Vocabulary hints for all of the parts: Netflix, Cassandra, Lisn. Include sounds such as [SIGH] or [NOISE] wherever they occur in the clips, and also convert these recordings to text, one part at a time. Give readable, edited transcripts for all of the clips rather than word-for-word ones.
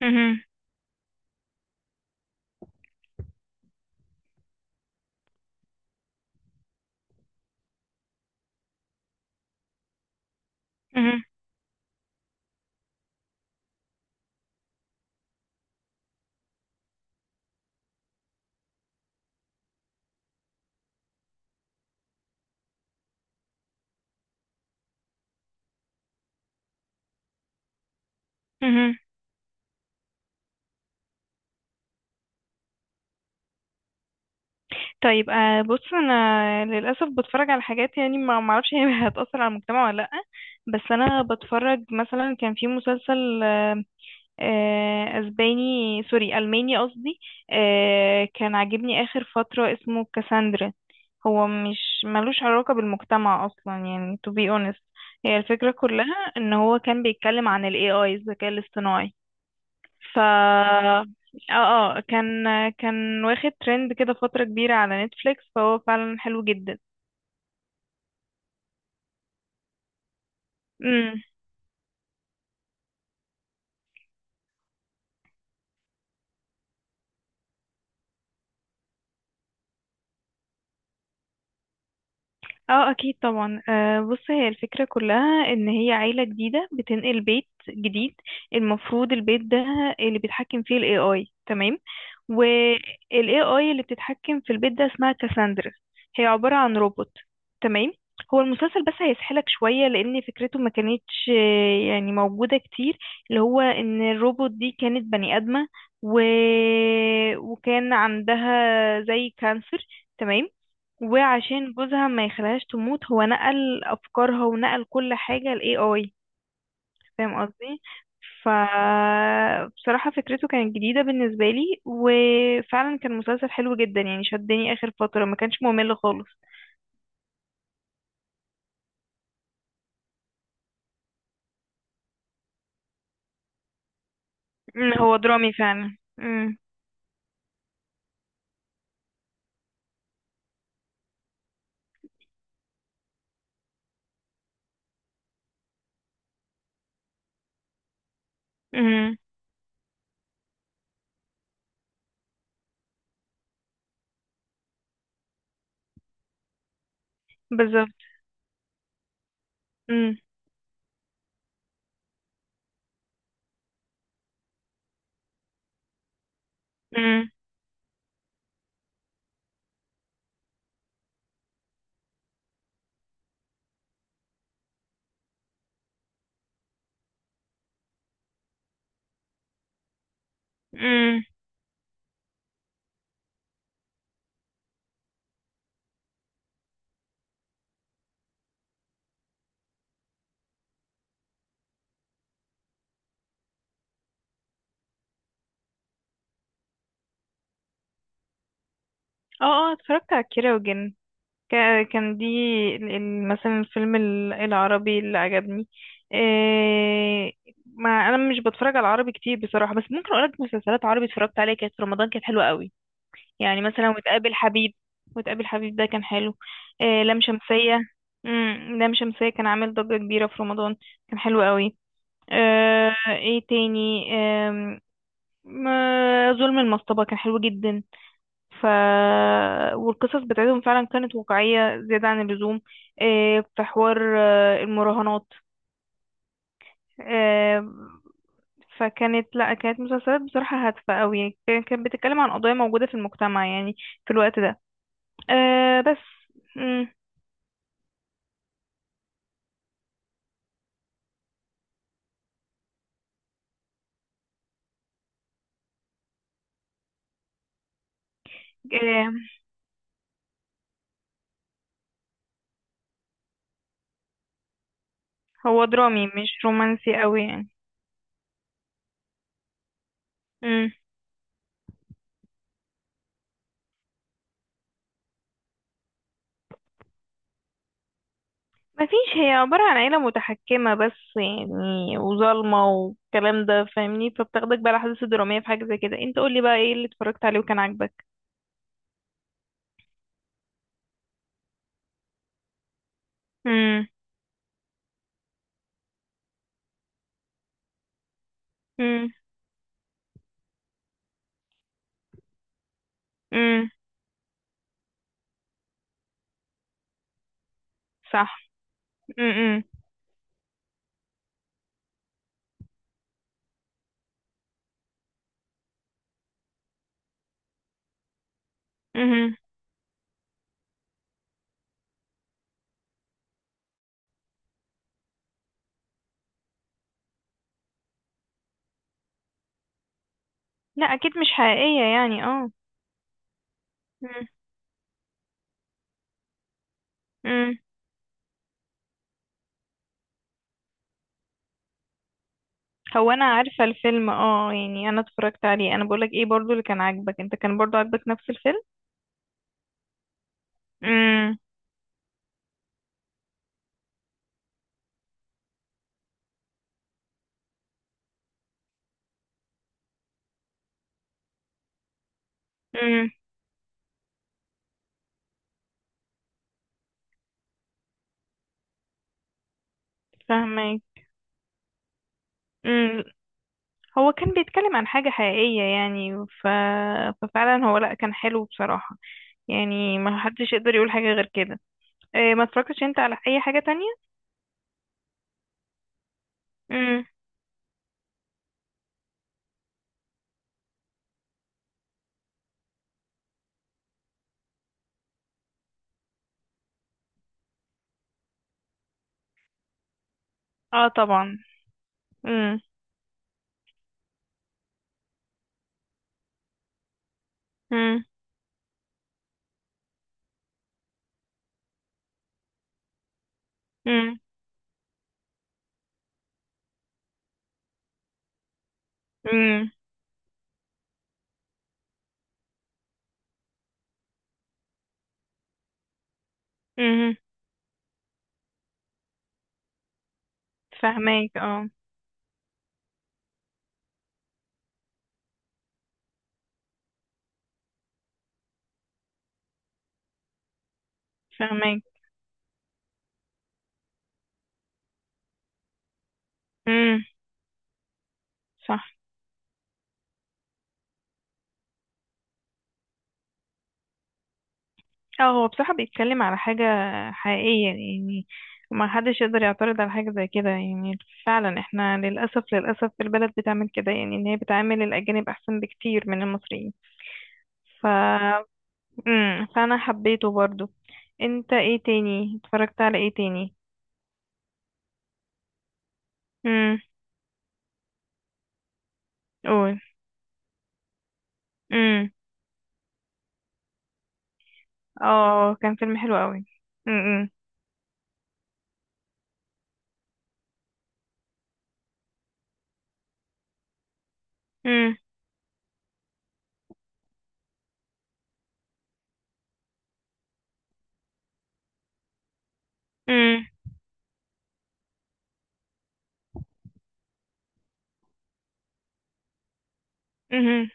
مهم. مهم. مهم. طيب، بص، انا للاسف بتفرج على حاجات، يعني ما اعرفش هي [LAUGHS] هتاثر على المجتمع ولا لا. بس انا بتفرج، مثلا كان في مسلسل، اسباني، الماني قصدي، كان عاجبني اخر فتره، اسمه كاساندرا. هو مش ملوش علاقه بالمجتمع اصلا، يعني to be honest. هي الفكره كلها ان هو كان بيتكلم عن ال AI، الذكاء الاصطناعي. ف اه اه كان كان واخد ترند كده فترة كبيرة على نتفليكس، فهو فعلا حلو جدا. اه، اكيد طبعا. بص، هي الفكرة كلها ان هي عيلة جديدة بتنقل بيت جديد. المفروض البيت ده اللي بيتحكم فيه الاي اي. تمام. والاي اي اللي بتتحكم في البيت ده اسمها كاساندرا. هي عبارة عن روبوت. تمام. هو المسلسل بس هيسحلك شوية، لأن فكرته ما كانتش يعني موجودة كتير. اللي هو إن الروبوت دي كانت بني آدمة. و... وكان عندها زي كانسر. تمام. وعشان جوزها ما يخليهاش تموت، هو نقل افكارها ونقل كل حاجة ل AI. فاهم قصدي. ف بصراحة فكرته كانت جديدة بالنسبة لي، وفعلا كان مسلسل حلو جدا، يعني شدني اخر فترة، ما كانش ممل خالص. هو درامي فعلا. امم. امم. بالظبط. امم. امم. امم. اه. اه، اتفرجت على كيرة والجن. كان دي مثلا الفيلم العربي اللي عجبني. إيه، ما انا مش بتفرج على عربي كتير بصراحة، بس ممكن اقولك مسلسلات عربي اتفرجت عليها كانت في رمضان كانت حلوة قوي. يعني مثلا وتقابل حبيب. وتقابل حبيب ده كان حلو. إيه، لام شمسية. امم، لام شمسية كان عامل ضجة كبيرة في رمضان. كان حلو قوي. ايه تاني؟ ظلم المصطبة كان حلو جدا. ف والقصص بتاعتهم فعلا كانت واقعية زيادة عن اللزوم. إيه، في حوار المراهنات. آه، فكانت لا كانت مسلسلات بصراحة هادفة أوي يعني كان- كانت بتتكلم عن قضايا موجودة في المجتمع يعني في الوقت ده بس. مم، آه، هو درامي مش رومانسي أوي يعني. مم. مفيش. هي عبارة عن عيلة متحكمة بس يعني وظالمة والكلام ده، فاهمني، فبتاخدك بقى الأحداث الدرامية في حاجة زي كده. انت قولي بقى ايه اللي اتفرجت عليه وكان عاجبك. امم. امم. امم. صح. امم. امم. لا، اكيد مش حقيقية يعني، اه. امم. امم. هو انا عارفة الفيلم، اه يعني انا اتفرجت عليه. انا بقولك ايه برضو اللي كان عاجبك، انت كان برضو عاجبك نفس الفيلم. امم. امم. فاهمك. امم. هو كان بيتكلم عن حاجة حقيقية يعني. ففعلا هو، لا، كان حلو بصراحة، يعني ما حدش يقدر يقول حاجة غير كده. إيه، ما اتفرجتش انت على اي حاجة تانية؟ امم. اه طبعا. امم. امم. امم. امم. فهماك اه. فهماك. امم. صح. اه، هو بصراحة بيتكلم على حاجة حقيقية يعني. ما حدش يقدر يعترض على حاجة زي كده يعني. فعلا احنا للأسف، للأسف البلد بتعمل كده، يعني ان هي بتعامل الأجانب أحسن بكتير من المصريين. ف امم، فأنا حبيته برضو. انت ايه تاني اتفرجت على ايه تاني؟ امم. قول. امم. اه، كان فيلم حلو قوي. امم. امم. امم. امم.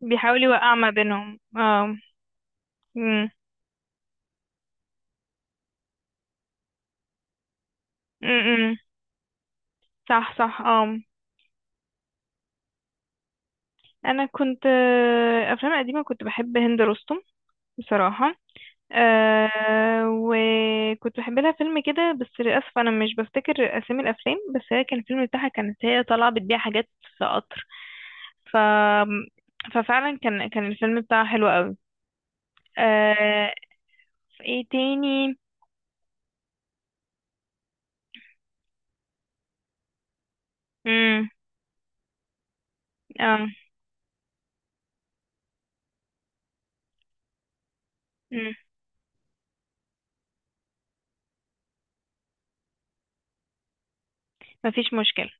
بيحاول يوقع ما بينهم اه. امم. امم. صح صح اه. انا كنت، افلام قديمه كنت بحب هند رستم بصراحه. أه، وكنت بحب لها فيلم كده، بس للاسف انا مش بفتكر اسامي الافلام، بس هي كان الفيلم بتاعها كانت هي طالعه بتبيع حاجات في قطر. ف ففعلا كان الفيلم بتاعها حلو قوي. أه، في ايه تاني؟ امم، اه. مم. مفيش مشكله.